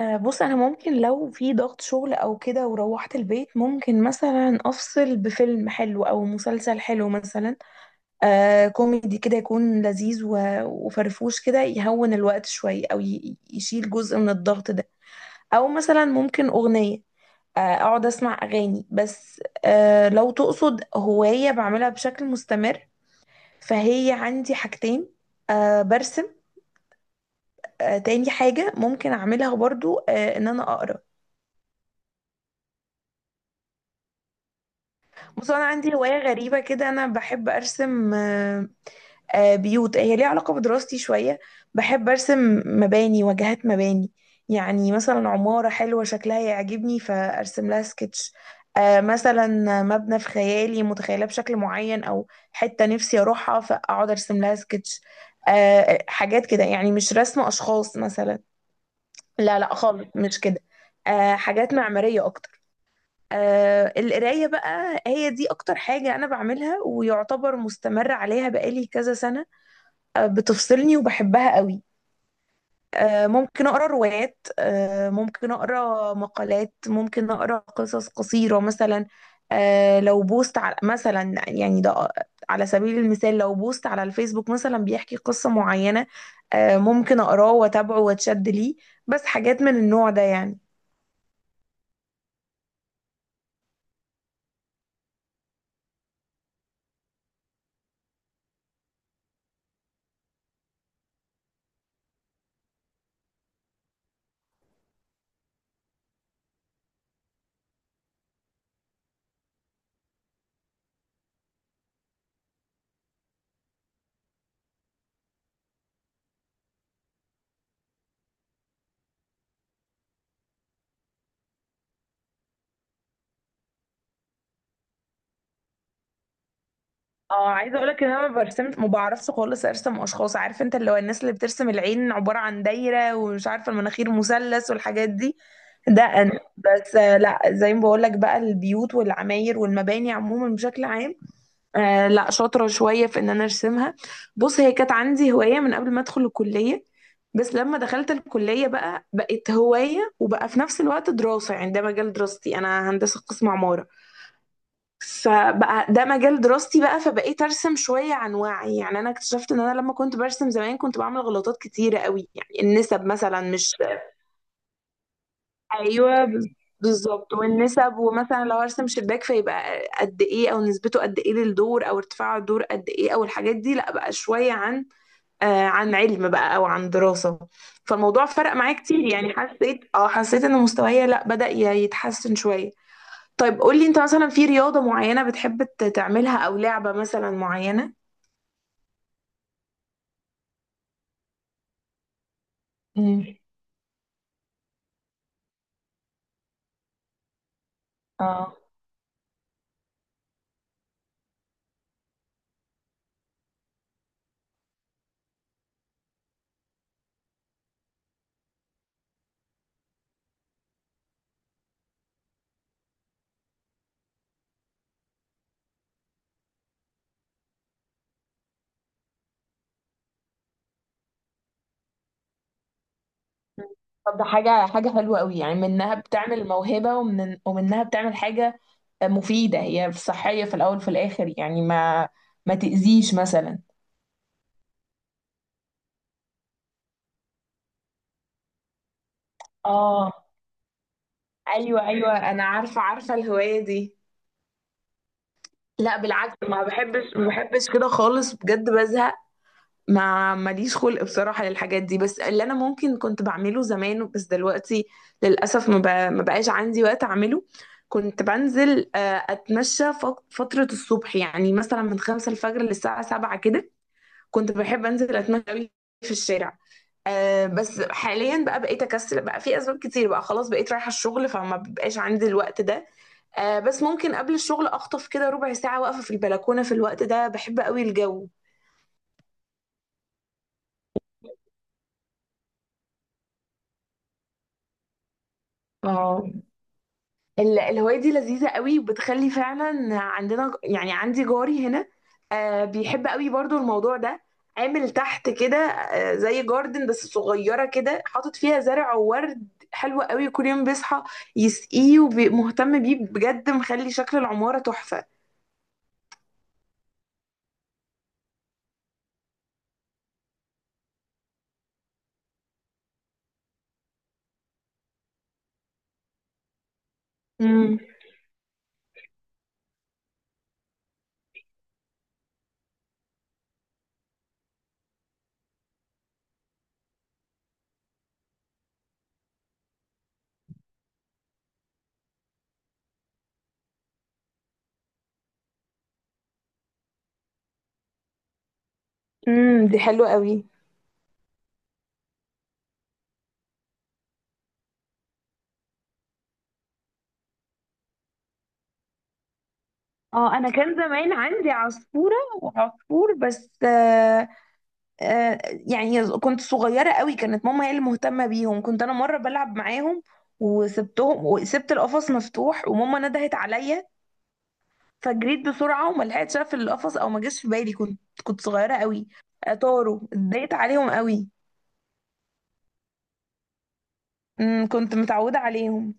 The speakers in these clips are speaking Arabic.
بص انا ممكن لو في ضغط شغل او كده وروحت البيت ممكن مثلا افصل بفيلم حلو او مسلسل حلو مثلا. كوميدي كده يكون لذيذ وفرفوش كده يهون الوقت شوية او يشيل جزء من الضغط ده. او مثلا ممكن اغنية، اقعد اسمع اغاني. بس لو تقصد هواية بعملها بشكل مستمر فهي عندي حاجتين. برسم. تاني حاجة ممكن اعملها برضو ان انا اقرا. بص انا عندي هوايه غريبه كده، انا بحب ارسم بيوت، هي ليها علاقه بدراستي شويه. بحب ارسم مباني، واجهات مباني. يعني مثلا عماره حلوه شكلها يعجبني فارسم لها سكتش. مثلا مبنى في خيالي متخيله بشكل معين او حته نفسي اروحها فاقعد ارسم لها سكتش. آه، حاجات كده، يعني مش رسم اشخاص مثلا. لا لا خالص مش كده، حاجات معماريه اكتر. القراية بقى هي دي أكتر حاجة أنا بعملها ويعتبر مستمرة عليها بقالي كذا سنة. بتفصلني وبحبها قوي. ممكن أقرأ روايات، ممكن أقرأ مقالات، ممكن أقرأ قصص قصيرة مثلا. لو بوست على مثلا يعني ده، على سبيل المثال لو بوست على الفيسبوك مثلا بيحكي قصة معينة ممكن أقراه وأتابعه وأتشد ليه. بس حاجات من النوع ده يعني. اه عايزه اقولك ان انا ما برسمش، ما بعرفش خالص ارسم اشخاص. عارف انت اللي هو الناس اللي بترسم العين عباره عن دايره ومش عارفه المناخير مثلث والحاجات دي. ده انا بس لا، زي ما بقولك بقى البيوت والعماير والمباني عموما بشكل عام. لا، شاطره شويه في ان انا ارسمها. بص، هي كانت عندي هوايه من قبل ما ادخل الكليه، بس لما دخلت الكليه بقى بقت هوايه وبقى في نفس الوقت دراسه، يعني ده مجال دراستي، انا هندسه قسم عماره. فبقى ده مجال دراستي بقى فبقيت ارسم شويه عن وعي. يعني انا اكتشفت ان انا لما كنت برسم زمان كنت بعمل غلطات كتيره قوي، يعني النسب مثلا مش. ايوه بالظبط، والنسب، ومثلا لو ارسم شباك فيبقى قد ايه او نسبته قد ايه للدور او ارتفاع الدور قد ايه او الحاجات دي. لا بقى شويه عن عن علم بقى او عن دراسه. فالموضوع فرق معايا كتير، يعني حسيت ان مستواي لا بدأ يتحسن شويه. طيب قولي انت مثلا في رياضة معينة بتحب تعملها او لعبة مثلا معينة؟ امم. اه. طب ده حاجة حلوة قوي، يعني منها بتعمل موهبة ومنها بتعمل حاجة مفيدة، هي صحية في الأول وفي الآخر، يعني ما ما تأذيش مثلا. اه، ايوه ايوه، انا عارفة الهواية دي. لا بالعكس، ما بحبش ما بحبش كده خالص، بجد بزهق. ما ماليش خلق بصراحة للحاجات دي، بس اللي انا ممكن كنت بعمله زمان بس دلوقتي للأسف ما بقاش عندي وقت اعمله. كنت بنزل اتمشى فترة الصبح، يعني مثلا من 5 الفجر للساعة 7 كده. كنت بحب انزل اتمشى أوي في الشارع. بس حاليا بقى بقيت اكسل، بقى في اسباب كتير بقى، خلاص بقيت رايحة الشغل فما بيبقاش عندي الوقت ده. بس ممكن قبل الشغل اخطف كده ربع ساعة واقفة في البلكونة، في الوقت ده بحب قوي الجو. اه، الهواية دي لذيذة قوي وبتخلي فعلا، عندنا يعني عندي جاري هنا بيحب قوي برضو الموضوع ده. عامل تحت كده زي جاردن بس صغيرة كده، حاطط فيها زرع وورد حلو قوي، كل يوم بيصحى يسقيه ومهتم بيه بجد، مخلي شكل العمارة تحفة. امم. امم، دي حلوة قوي. اه، انا كان زمان عندي عصفورة وعصفور بس. آه، يعني كنت صغيرة قوي، كانت ماما هي اللي مهتمة بيهم، كنت أنا مرة بلعب معاهم وسبتهم وسبت القفص مفتوح وماما ندهت عليا فجريت بسرعة وما لحقتش أقفل القفص أو ما جاش في بالي، كنت صغيرة قوي. طاروا، اتضايقت عليهم قوي. أمم، كنت متعودة عليهم.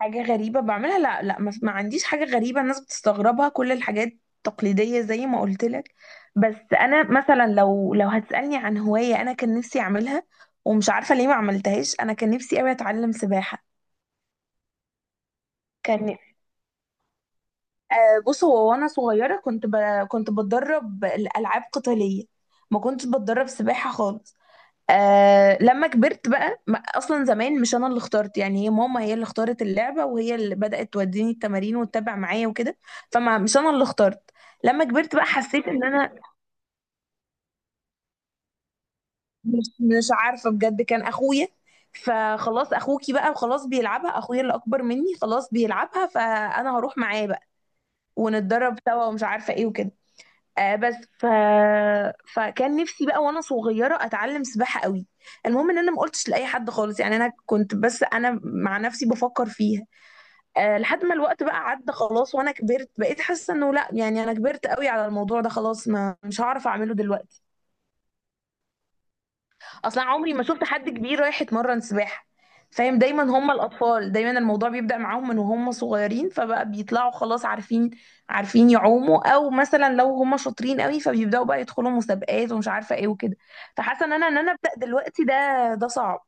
حاجة غريبة بعملها؟ لا لا، ما ما عنديش حاجة غريبة الناس بتستغربها، كل الحاجات تقليدية زي ما قلت لك. بس انا مثلا لو لو هتسألني عن هواية انا كان نفسي اعملها ومش عارفة ليه ما عملتهاش، انا كان نفسي قوي اتعلم سباحة. كان نفسي. بص، هو وانا صغيرة كنت بتدرب الألعاب قتالية، ما كنتش بتدرب سباحة خالص. لما كبرت بقى اصلا زمان مش انا اللي اخترت، يعني هي ماما هي اللي اختارت اللعبه وهي اللي بدات توديني التمارين وتتابع معايا وكده، فما مش انا اللي اخترت. لما كبرت بقى حسيت ان انا مش عارفه بجد، كان اخويا. فخلاص، اخوكي بقى وخلاص بيلعبها، اخويا اللي اكبر مني خلاص بيلعبها فانا هروح معاه بقى ونتدرب سوا ومش عارفه ايه وكده. آه بس ف... فكان نفسي بقى وانا صغيره اتعلم سباحه قوي. المهم ان انا ما قلتش لاي حد خالص، يعني انا كنت بس انا مع نفسي بفكر فيها. لحد ما الوقت بقى عدى خلاص وانا كبرت، بقيت حاسه انه لا، يعني انا كبرت قوي على الموضوع ده خلاص، ما مش هعرف اعمله دلوقتي. اصلا عمري ما شفت حد كبير رايح يتمرن سباحه، فاهم؟ دايما هم الاطفال، دايما الموضوع بيبدأ معاهم من وهم صغيرين، فبقى بيطلعوا خلاص عارفين، يعوموا، او مثلا لو هم شاطرين قوي فبيبدأوا بقى يدخلوا مسابقات ومش عارفه ايه وكده. فحاسه ان انا، ابدأ دلوقتي، ده ده صعب.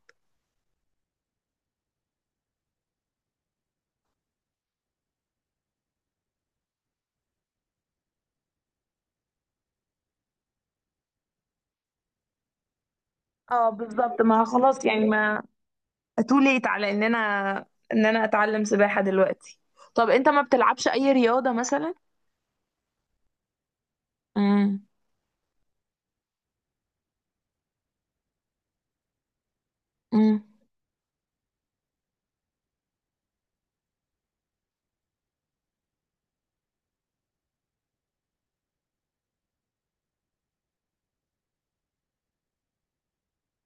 اه بالظبط، ما خلاص يعني، ما too late على ان انا اتعلم سباحه دلوقتي. طب انت ما بتلعبش اي رياضه مثلا؟ امم. امم.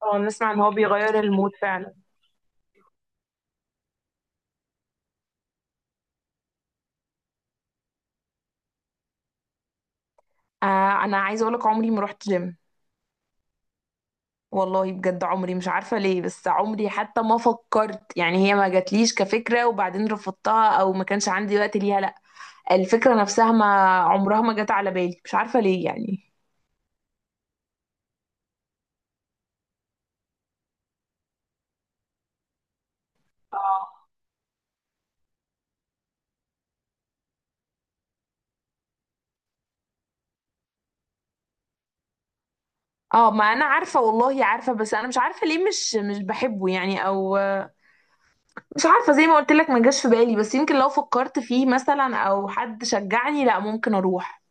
اه، نسمع ان هو بيغير المود فعلا. انا عايزه اقولك عمري ما رحت جيم والله، بجد عمري، مش عارفه ليه بس عمري حتى ما فكرت، يعني هي ما جاتليش كفكره وبعدين رفضتها او ما كانش عندي وقت ليها، لا الفكره نفسها ما عمرها ما جت على بالي، مش عارفه ليه يعني. اه اه، ما انا عارفه والله، عارفه بس انا مش عارفه ليه، مش بحبه يعني او مش عارفه، زي ما قلت لك ما جاش في بالي، بس يمكن لو فكرت فيه مثلا او حد شجعني لا ممكن اروح.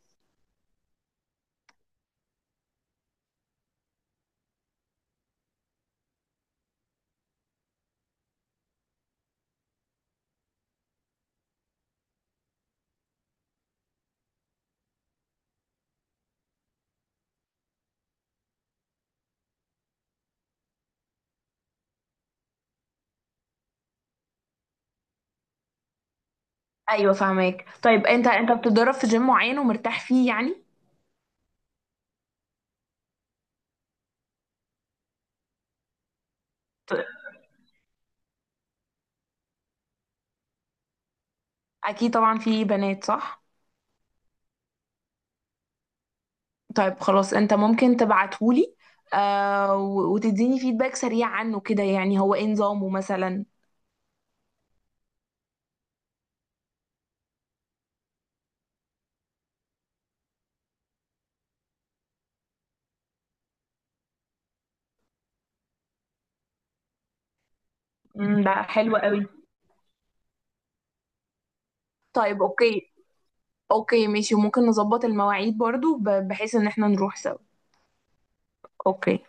ايوه فهماك. طيب انت، انت بتتدرب في جيم معين ومرتاح فيه يعني؟ اكيد طبعا في بنات صح؟ طيب خلاص، انت ممكن تبعتهولي وتديني فيدباك سريع عنه كده، يعني هو ايه نظامه مثلا. امم، ده حلو قوي. طيب اوكي، اوكي ماشي، وممكن نظبط المواعيد برضو بحيث ان احنا نروح سوا. اوكي.